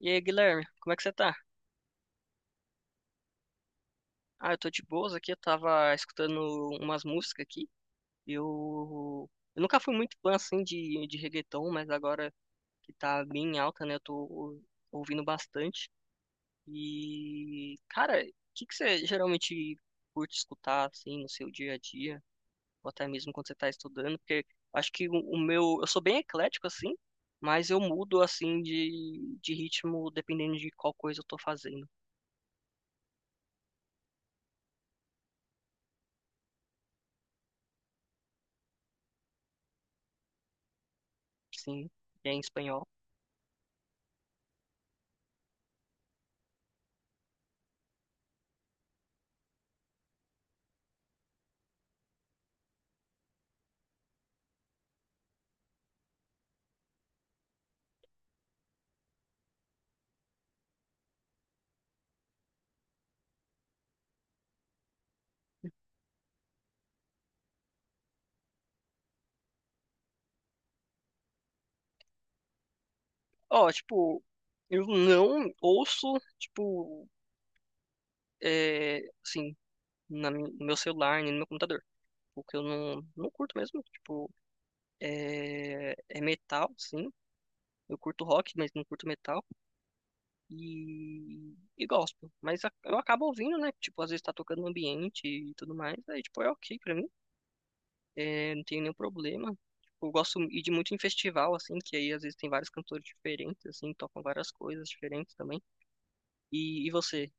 E aí, Guilherme, como é que você tá? Ah, eu tô de boas aqui, eu tava escutando umas músicas aqui. Eu, eu nunca fui muito fã, assim, de reggaeton, mas agora que tá bem em alta, né, eu tô ouvindo bastante. E, cara, o que que você geralmente curte escutar, assim, no seu dia a dia? Ou até mesmo quando você tá estudando? Porque acho que o meu. Eu sou bem eclético, assim, mas eu mudo, assim, de ritmo dependendo de qual coisa eu tô fazendo. Sim, é em espanhol. Ó, tipo, eu não ouço, tipo, é, assim, no meu celular, nem no meu computador. Porque eu não, não curto mesmo. Tipo, é metal, sim. Eu curto rock, mas não curto metal. E gospel. Mas eu acabo ouvindo, né? Tipo, às vezes tá tocando no ambiente e tudo mais. Aí, tipo, é ok pra mim. É, não tem nenhum problema. Tipo, eu gosto de ir muito em festival, assim, que aí às vezes tem vários cantores diferentes, assim, tocam várias coisas diferentes também. E você?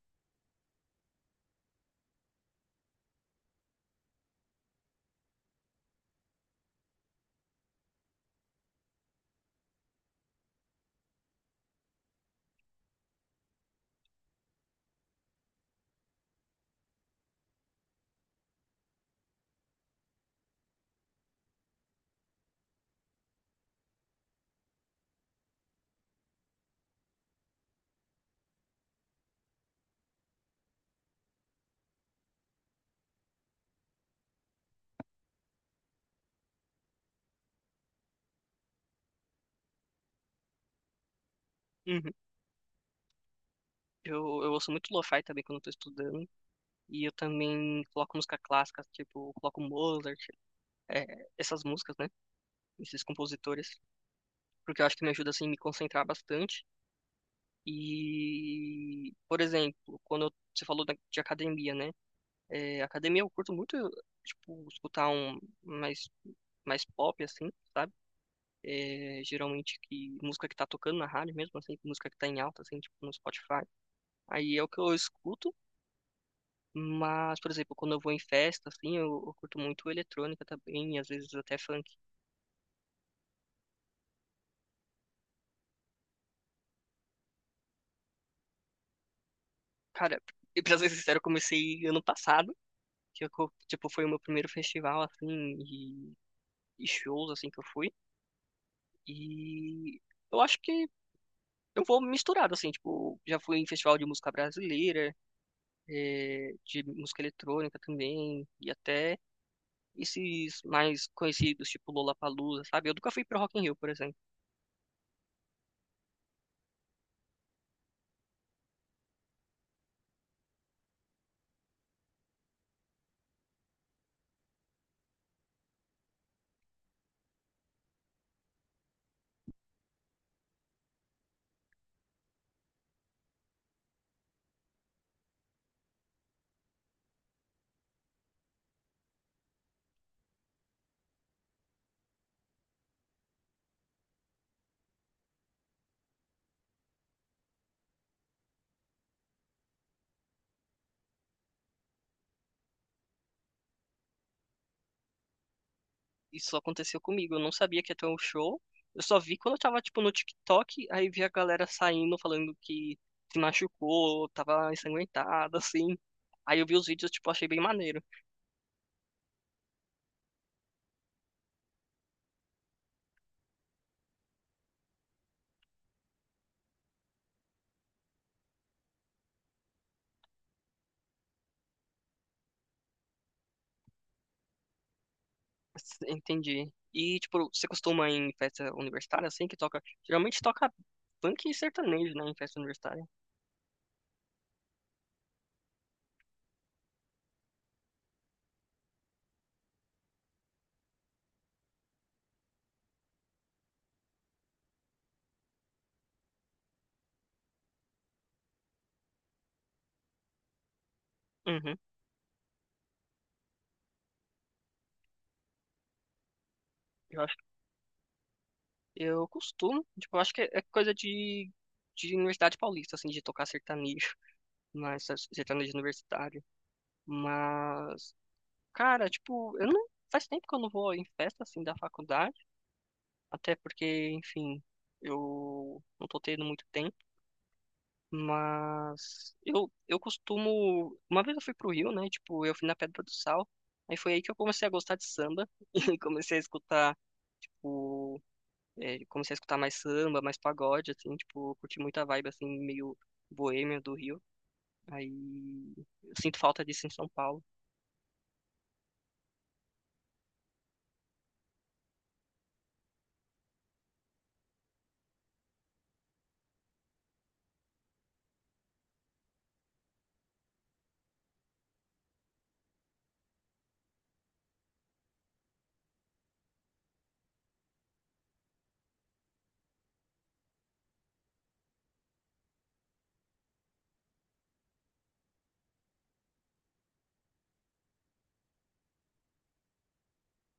Uhum. Eu, eu ouço muito lo-fi também quando eu tô estudando. E eu também coloco música clássica, tipo, coloco Mozart, essas músicas, né? Esses compositores. Porque eu acho que me ajuda, assim, me concentrar bastante. E, por exemplo, quando você falou de academia, né? É, academia eu curto muito, tipo, escutar um mais, pop, assim, sabe? É, geralmente que música que tá tocando na rádio mesmo, assim, música que tá em alta, assim, tipo, no Spotify. Aí é o que eu escuto. Mas, por exemplo, quando eu vou em festa, assim, eu curto muito eletrônica também, e às vezes até funk. Cara, e pra ser sincero, eu comecei ano passado, que tipo, foi o meu primeiro festival, assim, e, e shows, assim, que eu fui. E eu acho que eu vou misturado, assim, tipo, já fui em festival de música brasileira, de música eletrônica também, e até esses mais conhecidos, tipo Lollapalooza, sabe? Eu nunca fui pra Rock in Rio, por exemplo. Isso aconteceu comigo. Eu não sabia que ia ter um show. Eu só vi quando eu tava, tipo, no TikTok, aí vi a galera saindo, falando que se machucou, tava ensanguentada, assim. Aí eu vi os vídeos, tipo, achei bem maneiro. Entendi. E, tipo, você costuma ir em festa universitária, assim, que toca. Geralmente toca funk e sertanejo, né, em festa universitária. Uhum. Eu acho, eu costumo, tipo, eu acho que é coisa de Universidade Paulista, assim, de tocar sertanejo, mas sertanejo universitário. Mas, cara, tipo, eu não. Faz tempo que eu não vou em festa assim da faculdade, até porque, enfim, eu não tô tendo muito tempo, mas eu costumo. Uma vez eu fui pro Rio, né? Tipo, eu fui na Pedra do Sal, aí foi aí que eu comecei a gostar de samba e comecei a escutar, tipo, comecei a escutar mais samba, mais pagode, assim, tipo, eu curti muita vibe, assim, meio boêmia do Rio. Aí eu sinto falta disso em São Paulo.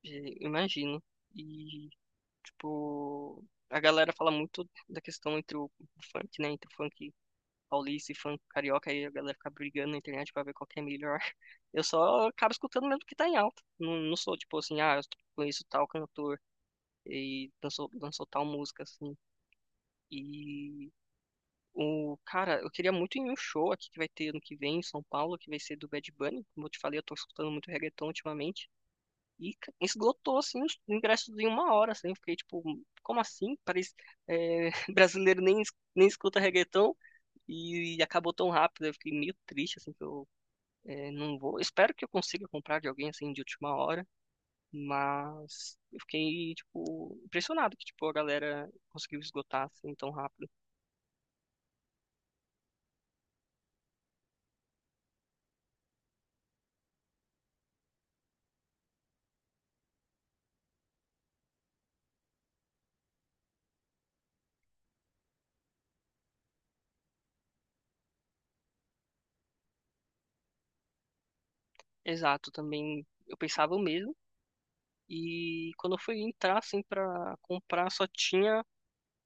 Imagino. E, tipo, a galera fala muito da questão entre o funk, né? Entre o funk paulista e funk carioca, aí a galera fica brigando na internet pra ver qual que é melhor. Eu só acabo escutando mesmo o que tá em alta. Não, não sou tipo assim, ah, eu conheço tal cantor e dançou, dançou tal música, assim. E, o cara, eu queria muito ir em um show aqui que vai ter ano que vem em São Paulo, que vai ser do Bad Bunny. Como eu te falei, eu tô escutando muito reggaeton ultimamente. E esgotou, assim, os ingressos em uma hora, assim. Eu fiquei tipo, como assim? Parece, brasileiro nem escuta reggaeton. E acabou tão rápido, eu fiquei meio triste, assim, que eu não vou. Espero que eu consiga comprar de alguém, assim, de última hora, mas eu fiquei, tipo, impressionado que, tipo, a galera conseguiu esgotar, assim, tão rápido. Exato, também eu pensava o mesmo, e quando eu fui entrar, assim, pra comprar, só tinha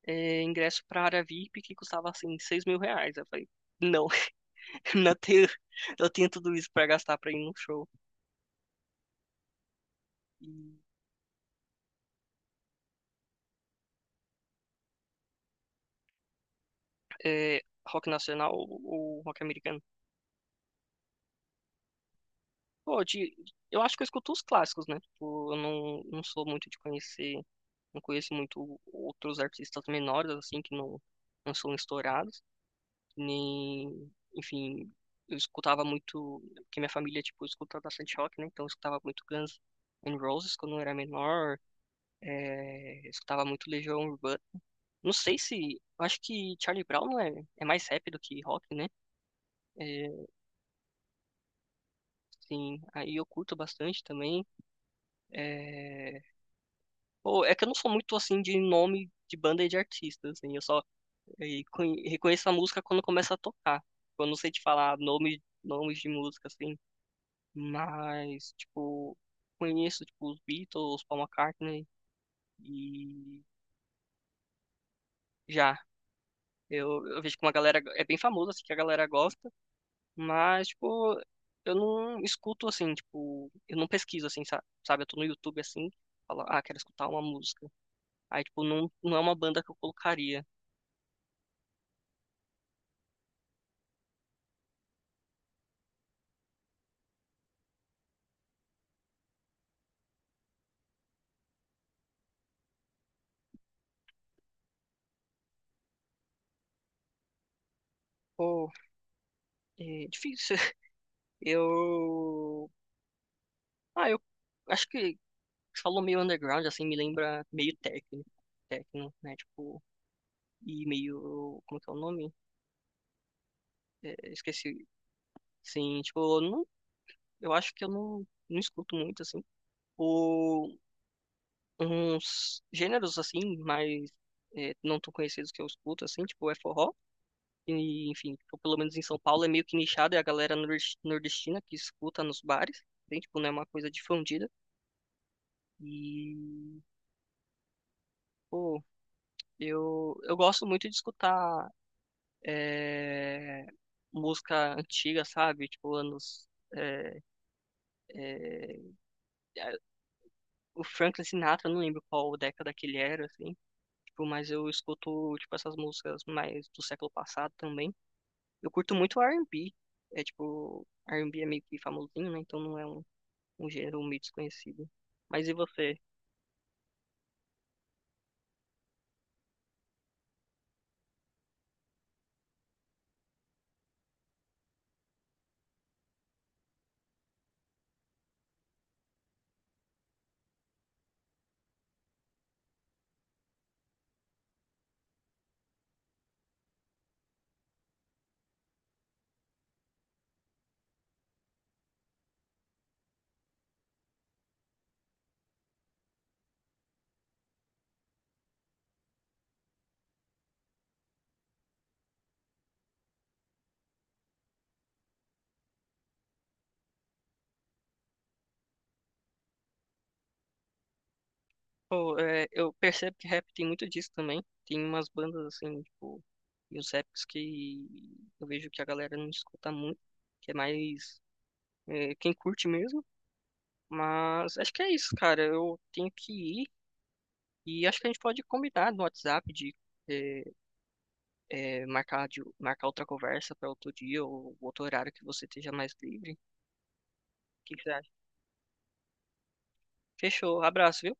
ingresso para a área VIP que custava assim R$ 6.000. Eu falei, não, não tenho, eu tenho tudo isso para gastar para ir num show. E, é, rock nacional ou rock americano? Pô, eu acho que eu escuto os clássicos, né? Tipo, eu não, não sou muito de conhecer, não conheço muito outros artistas menores, assim, que não, não são estourados, nem, enfim. Eu escutava muito, porque minha família, tipo, escuta bastante rock, né? Então eu escutava muito Guns N' Roses quando eu era menor. É, eu escutava muito Legião Urbana. Não sei se. Eu acho que Charlie Brown não é, é mais rap do que rock, né? É, sim, aí eu curto bastante também. É, pô, é que eu não sou muito assim de nome de banda e de artista, assim. Eu só reconheço a música quando começa a tocar. Eu não sei te falar nomes de música, assim. Mas, tipo, conheço tipo, os Beatles, Paul McCartney e já. Eu vejo que uma galera é bem famosa, assim, que a galera gosta. Mas, tipo, eu não escuto assim, tipo, eu não pesquiso assim, sabe? Eu tô no YouTube assim, falo, ah, quero escutar uma música. Aí, tipo, não, não é uma banda que eu colocaria. Pô, é difícil. Eu. Ah, eu acho que você falou meio underground, assim, me lembra meio técnico, né? Tipo, e meio. Como que é o nome? É, esqueci. Sim, tipo, eu não, eu acho que eu não, não escuto muito, assim. Uns gêneros assim, mas não tão conhecidos que eu escuto, assim, tipo é forró. E, enfim, tipo, pelo menos em São Paulo é meio que nichado, é a galera nordestina que escuta nos bares, tem, tipo, não é uma coisa difundida. E, pô, eu gosto muito de escutar é, música antiga, sabe? Tipo, anos. é, é, é, o Franklin Sinatra, eu não lembro qual década que ele era, assim. Tipo, mas eu escuto, tipo, essas músicas mais do século passado também. Eu curto muito R&B. É tipo, R&B é meio que famosinho, né? Então não é um gênero meio desconhecido. Mas e você? Pô, eu percebo que rap tem muito disso também. Tem umas bandas assim, tipo, e os raps que eu vejo que a galera não escuta muito, que é mais quem curte mesmo. Mas acho que é isso, cara. Eu tenho que ir e acho que a gente pode combinar no WhatsApp de é, marcar outra conversa para outro dia ou outro horário que você esteja mais livre. O que que você. Fechou. Abraço, viu?